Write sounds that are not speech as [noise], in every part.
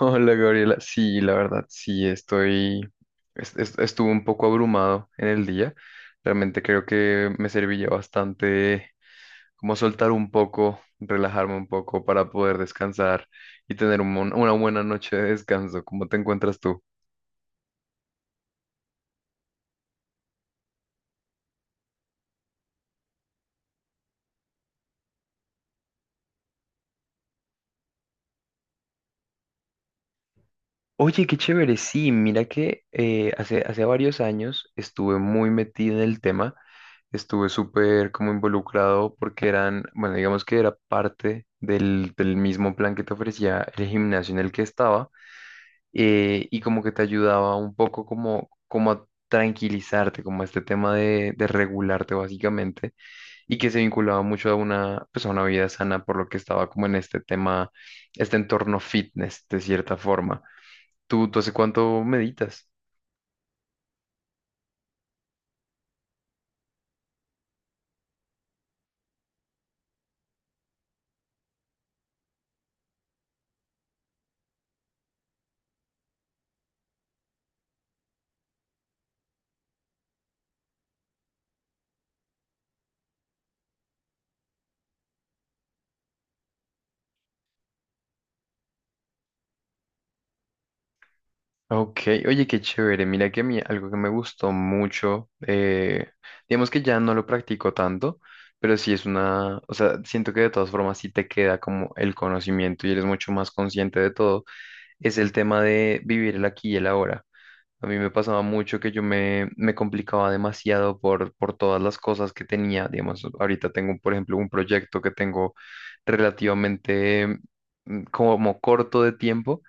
Hola Gabriela, sí, la verdad, sí, estoy, estuve un poco abrumado en el día. Realmente creo que me servía bastante como soltar un poco, relajarme un poco para poder descansar y tener una buena noche de descanso. ¿Cómo te encuentras tú? Oye, qué chévere, sí, mira que hace varios años estuve muy metido en el tema, estuve súper como involucrado porque eran, bueno, digamos que era parte del mismo plan que te ofrecía el gimnasio en el que estaba, y como que te ayudaba un poco como a tranquilizarte, como a este tema de regularte básicamente y que se vinculaba mucho a una, pues a una vida sana por lo que estaba como en este tema, este entorno fitness de cierta forma. ¿Tú hace cuánto meditas? Ok, oye, qué chévere. Mira que a mí algo que me gustó mucho, digamos que ya no lo practico tanto, pero sí es una, o sea, siento que de todas formas sí te queda como el conocimiento y eres mucho más consciente de todo, es el tema de vivir el aquí y el ahora. A mí me pasaba mucho que yo me complicaba demasiado por todas las cosas que tenía. Digamos, ahorita tengo, por ejemplo, un proyecto que tengo relativamente como corto de tiempo.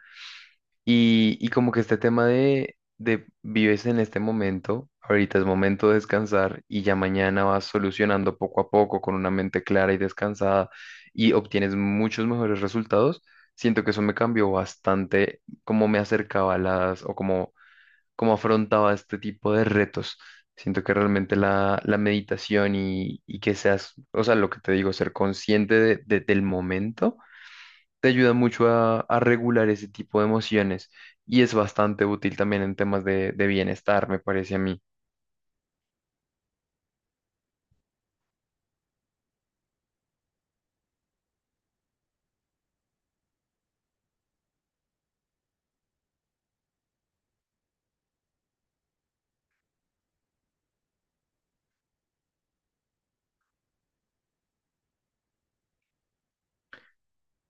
Y como que este tema de vives en este momento, ahorita es momento de descansar y ya mañana vas solucionando poco a poco con una mente clara y descansada y obtienes muchos mejores resultados. Siento que eso me cambió bastante cómo me acercaba a las o cómo, cómo afrontaba este tipo de retos. Siento que realmente la meditación y que seas, o sea, lo que te digo, ser consciente del momento te ayuda mucho a regular ese tipo de emociones y es bastante útil también en temas de bienestar, me parece a mí.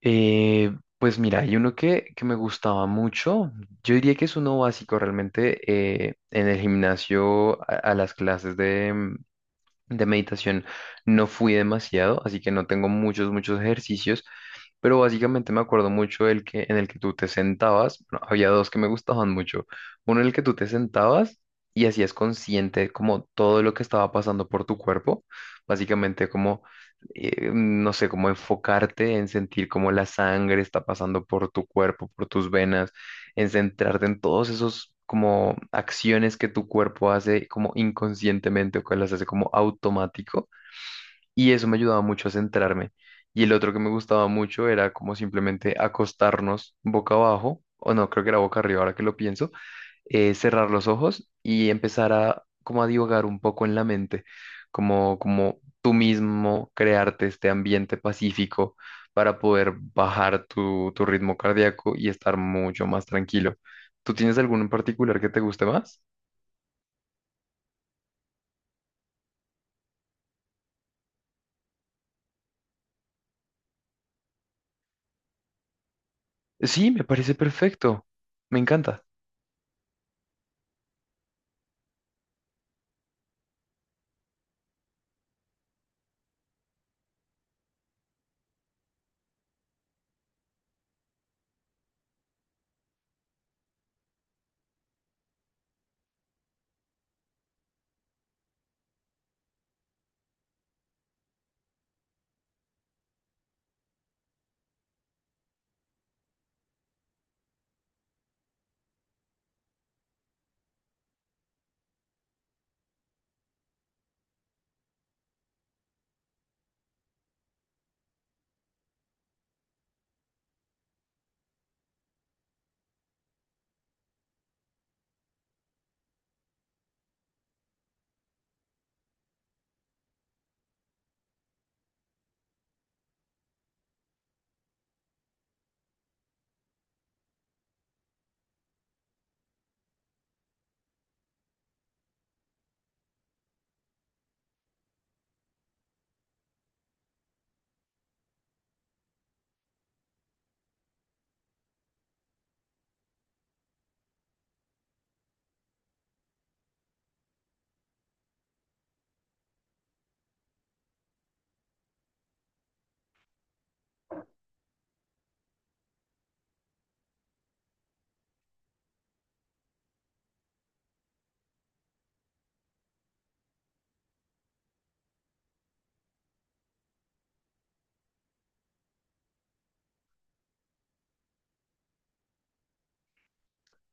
Eh, pues mira, hay uno que me gustaba mucho, yo diría que es uno básico realmente, en el gimnasio, a las clases de meditación no fui demasiado, así que no tengo muchos, muchos ejercicios, pero básicamente me acuerdo mucho del que, en el que tú te sentabas, bueno, había dos que me gustaban mucho, uno en el que tú te sentabas y hacías consciente como todo lo que estaba pasando por tu cuerpo, básicamente como, no sé, como enfocarte en sentir cómo la sangre está pasando por tu cuerpo, por tus venas, en centrarte en todos esos como acciones que tu cuerpo hace como inconscientemente o que las hace como automático, y eso me ayudaba mucho a centrarme. Y el otro que me gustaba mucho era como simplemente acostarnos boca abajo, o no, creo que era boca arriba ahora que lo pienso, cerrar los ojos y empezar a como a divagar un poco en la mente, como, como tú mismo crearte este ambiente pacífico para poder bajar tu, tu ritmo cardíaco y estar mucho más tranquilo. ¿Tú tienes alguno en particular que te guste más? Sí, me parece perfecto. Me encanta.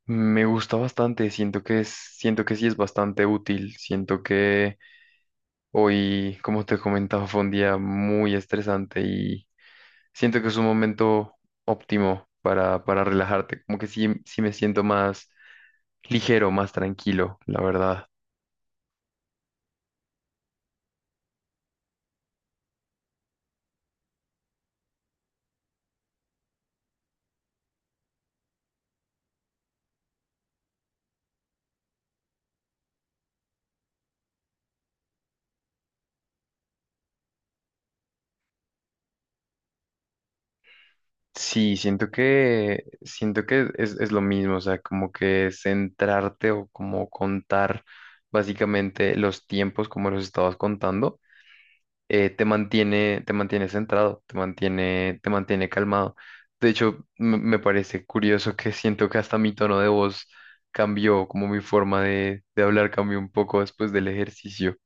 Me gusta bastante, siento que es, siento que sí es bastante útil, siento que hoy, como te comentaba, fue un día muy estresante. Siento que es un momento óptimo para relajarte, como que sí, sí me siento más ligero, más tranquilo, la verdad. Sí, siento que es lo mismo, o sea, como que centrarte o como contar básicamente los tiempos como los estabas contando, te mantiene centrado, te mantiene calmado. De hecho, me parece curioso que siento que hasta mi tono de voz cambió, como mi forma de hablar cambió un poco después del ejercicio.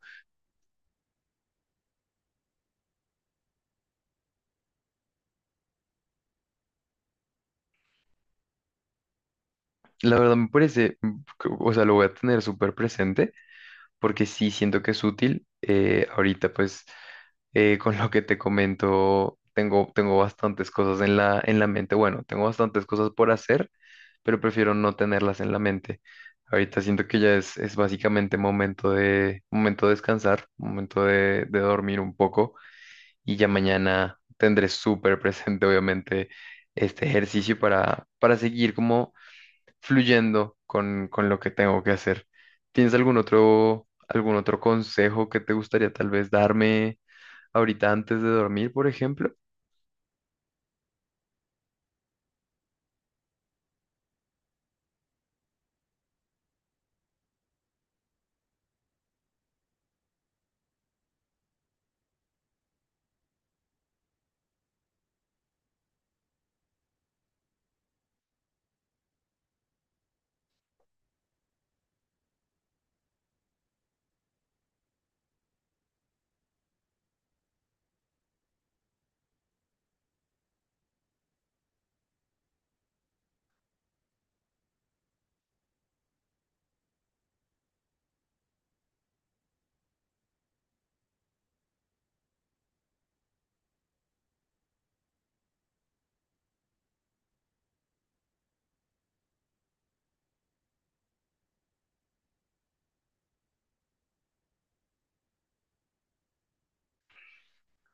La verdad me parece, mm, que- o sea, lo voy a tener súper presente porque sí siento que es útil. Ahorita, pues, con lo que te comento, tengo bastantes cosas en en la mente. Bueno, tengo bastantes cosas por hacer, pero prefiero no tenerlas en la mente. Ahorita siento que ya es básicamente momento de descansar, momento de dormir un poco y ya mañana tendré súper [laughs] presente, obviamente, este ejercicio para seguir como fluyendo con lo que tengo que hacer. ¿Tienes algún otro consejo que te gustaría tal vez darme ahorita antes de dormir, por ejemplo?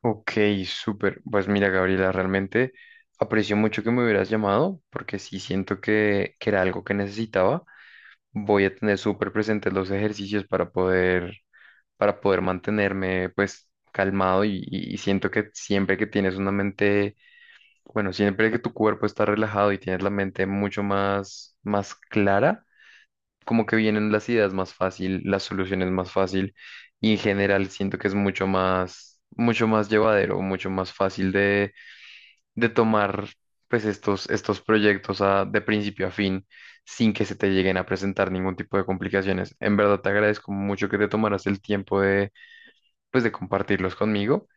Ok, súper. Pues mira, Gabriela, realmente aprecio mucho que me hubieras llamado porque sí siento que era algo que necesitaba. Voy a tener súper presentes los ejercicios para poder mantenerme pues calmado y, y siento que siempre que tienes una mente, bueno, siempre que tu cuerpo está relajado y tienes la mente mucho más, más clara, como que vienen las ideas más fácil, las soluciones más fácil, y en general siento que es mucho más llevadero, mucho más fácil de tomar pues estos, estos proyectos de principio a fin sin que se te lleguen a presentar ningún tipo de complicaciones. En verdad te agradezco mucho que te tomaras el tiempo de pues de compartirlos conmigo.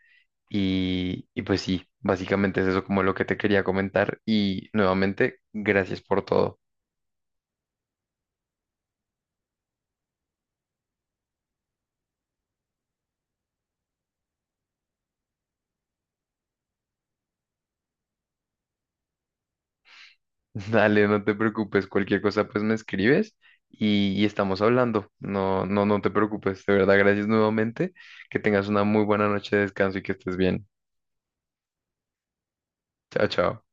Y pues sí, básicamente es eso como lo que te quería comentar y nuevamente gracias por todo. [laughs] Dale, no te preocupes, cualquier cosa pues me escribes y estamos hablando. No, no, no te preocupes, de verdad, gracias nuevamente, que tengas una muy buena noche de descanso y que estés bien. Chao, chao.